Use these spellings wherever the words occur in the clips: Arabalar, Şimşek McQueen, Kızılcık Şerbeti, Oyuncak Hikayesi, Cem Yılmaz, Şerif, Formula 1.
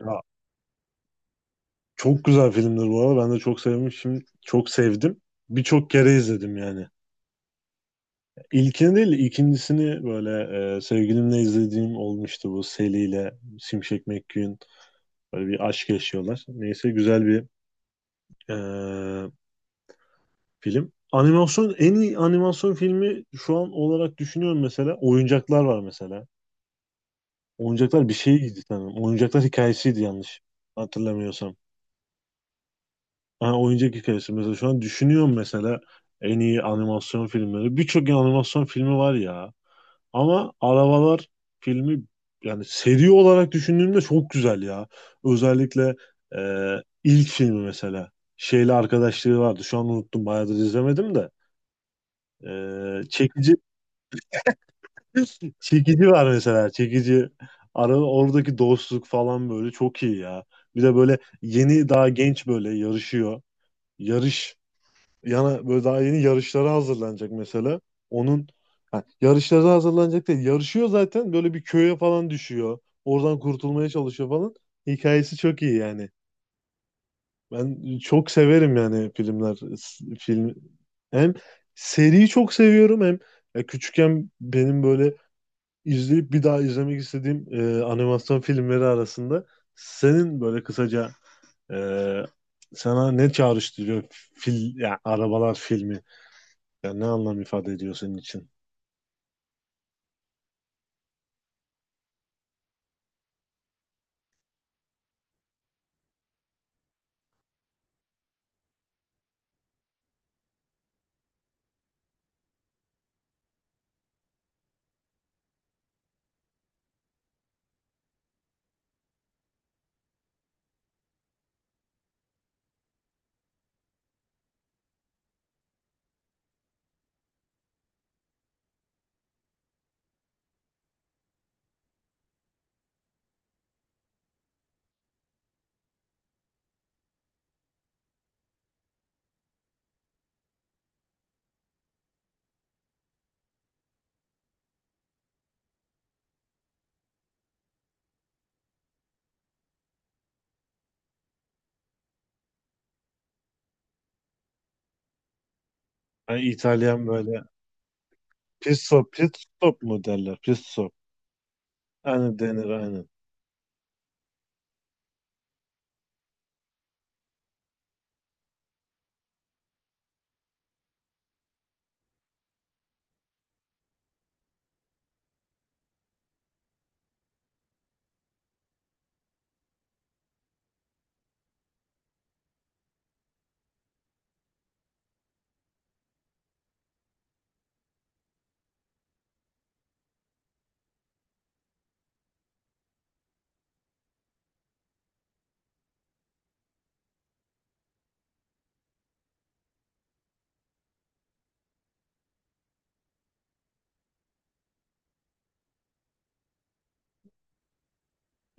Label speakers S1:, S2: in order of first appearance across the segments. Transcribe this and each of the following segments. S1: Ya, çok güzel filmdir bu arada. Ben de çok sevmişim. Çok sevdim. Birçok kere izledim yani. İlkini değil, ikincisini böyle sevgilimle izlediğim olmuştu, bu Sally ile Şimşek McQueen. Böyle bir aşk yaşıyorlar. Neyse, güzel bir e, film. Animasyon en iyi animasyon filmi şu an olarak düşünüyorum mesela. Oyuncaklar var mesela. Oyuncaklar bir şeydi sanırım. Oyuncaklar hikayesiydi yanlış hatırlamıyorsam. Ha, oyuncak hikayesi mesela şu an düşünüyorum mesela en iyi animasyon filmleri. Birçok animasyon filmi var ya. Ama Arabalar filmi yani seri olarak düşündüğümde çok güzel ya. Özellikle e, ilk filmi mesela. Şeyle arkadaşlığı vardı. Şu an unuttum. Bayağıdır izlemedim de. E, çekici Çekici var mesela. Çekici. Oradaki dostluk falan böyle çok iyi ya. Bir de böyle yeni daha genç böyle yarışıyor. Yarış Yana böyle daha yeni yarışlara hazırlanacak mesela. Onun ha, yarışlara hazırlanacak değil. Yarışıyor zaten, böyle bir köye falan düşüyor. Oradan kurtulmaya çalışıyor falan. Hikayesi çok iyi yani. Ben çok severim yani film, hem seriyi çok seviyorum, hem ya küçükken benim böyle izleyip bir daha izlemek istediğim animasyon filmleri arasında. Senin böyle kısaca e, sana ne çağrıştırıyor ya arabalar filmi? Ya ne anlam ifade ediyor senin için? Yani İtalyan böyle pit stop mu derler? Pit stop. Yani denir, aynen.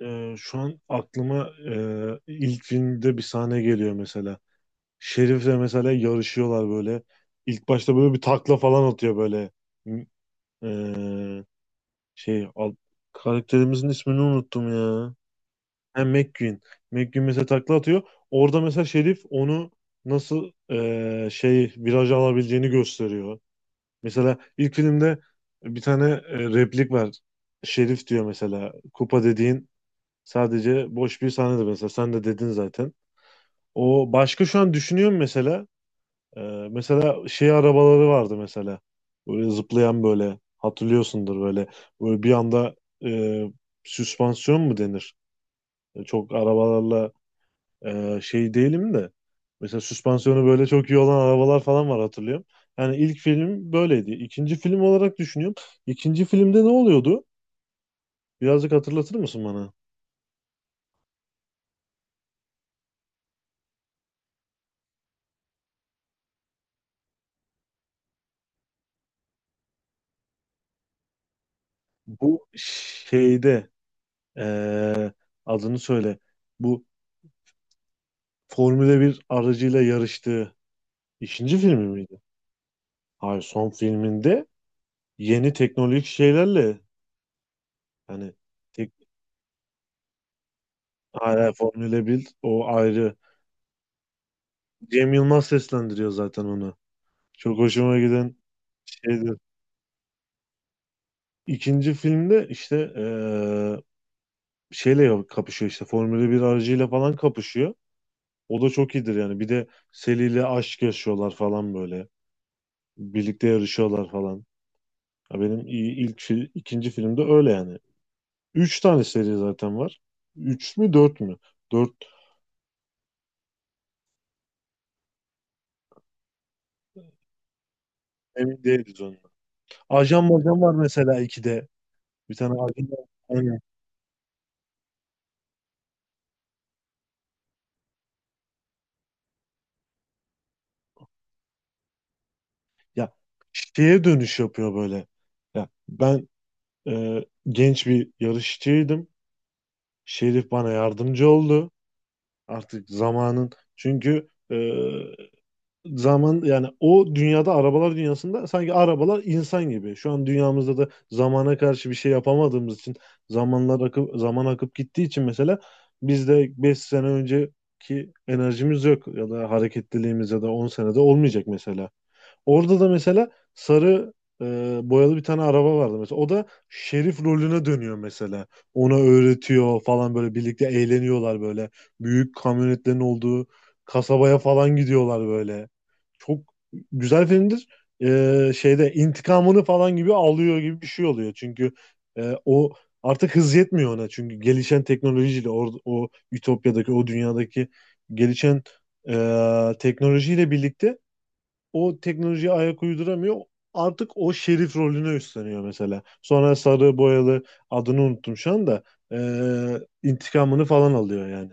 S1: Şu an aklıma ilk filmde bir sahne geliyor mesela. Şerif'le mesela yarışıyorlar böyle. İlk başta böyle bir takla falan atıyor böyle. E, Şey al, karakterimizin ismini unuttum ya. Ha, McQueen. McQueen mesela takla atıyor. Orada mesela Şerif onu nasıl şey, viraj alabileceğini gösteriyor. Mesela ilk filmde bir tane replik var. Şerif diyor mesela. Kupa dediğin sadece boş bir sahnedir mesela. Sen de dedin zaten. O başka, şu an düşünüyorum mesela. Ee, mesela şey arabaları vardı mesela. Böyle zıplayan böyle, hatırlıyorsundur böyle. Böyle bir anda e, süspansiyon mu denir? Çok arabalarla şey değilim de. Mesela süspansiyonu böyle çok iyi olan arabalar falan var, hatırlıyorum. Yani ilk film böyleydi. İkinci film olarak düşünüyorum. İkinci filmde ne oluyordu? Birazcık hatırlatır mısın bana? Bu şeyde e, adını söyle. Bu Formula bir aracıyla yarıştığı ikinci filmi miydi? Hayır, son filminde yeni teknolojik şeylerle, hani tek, hala Formula 1, o ayrı. Cem Yılmaz seslendiriyor zaten onu. Çok hoşuma giden şeydir. İkinci filmde işte şeyle kapışıyor, işte Formula bir aracıyla falan kapışıyor. O da çok iyidir yani. Bir de Sally ile aşk yaşıyorlar falan böyle. Birlikte yarışıyorlar falan. Ya benim iyi- ilk fi- ikinci filmde öyle yani. Üç tane seri zaten var. Üç mü dört mü? Dört, emin değiliz onu. Ajan majan var mesela 2'de. Bir tane ajan var. Aynen. Ya, şeye dönüş yapıyor böyle. Ya ben genç bir yarışçıydım. Şerif bana yardımcı oldu. Artık zamanın, çünkü zaman, yani o dünyada, arabalar dünyasında sanki arabalar insan gibi. Şu an dünyamızda da zamana karşı bir şey yapamadığımız için, zamanlar akıp, zaman akıp gittiği için mesela bizde 5 sene önceki enerjimiz yok ya da hareketliliğimiz, ya da 10 senede olmayacak mesela. Orada da mesela sarı e, boyalı bir tane araba vardı mesela. O da şerif rolüne dönüyor mesela. Ona öğretiyor falan böyle, birlikte eğleniyorlar böyle. Büyük kamyonetlerin olduğu kasabaya falan gidiyorlar böyle. Çok güzel filmdir. Şeyde intikamını falan gibi alıyor gibi bir şey oluyor. Çünkü o, artık hız yetmiyor ona. Çünkü gelişen teknolojiyle o Ütopya'daki o dünyadaki gelişen teknolojiyle birlikte o teknolojiye ayak uyduramıyor. Artık o şerif rolüne üstleniyor mesela. Sonra sarı boyalı, adını unuttum şu anda. İntikamını falan alıyor yani.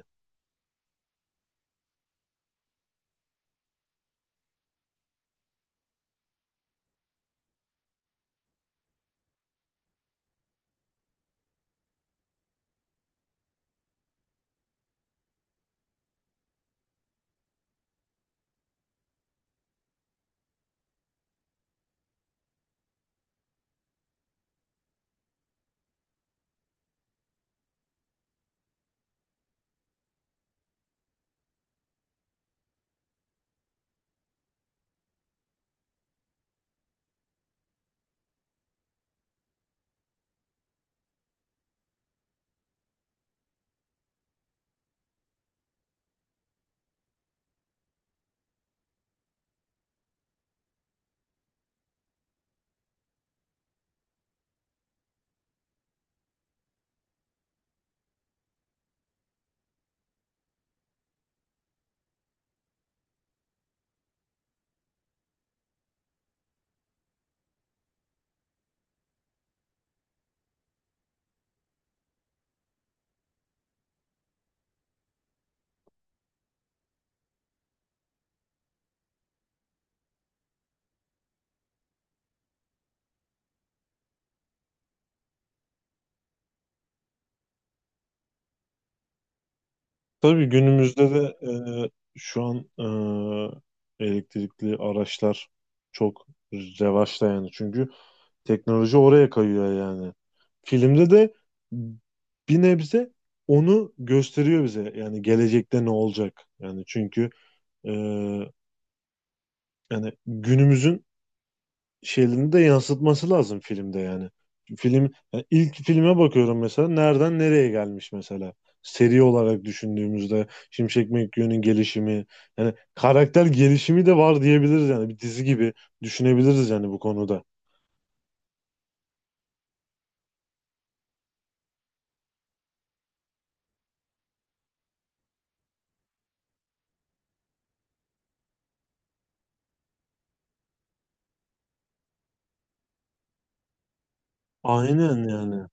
S1: Tabii günümüzde de e, şu an elektrikli araçlar çok revaçta yani. Çünkü teknoloji oraya kayıyor yani. Filmde de bir nebze onu gösteriyor bize. Yani gelecekte ne olacak? Yani çünkü e, yani günümüzün şeylerini de yansıtması lazım filmde yani. Film, yani ilk filme bakıyorum mesela, nereden nereye gelmiş mesela. Seri olarak düşündüğümüzde Şimşek McQueen'in gelişimi, yani karakter gelişimi de var diyebiliriz yani, bir dizi gibi düşünebiliriz yani bu konuda. Aynen yani.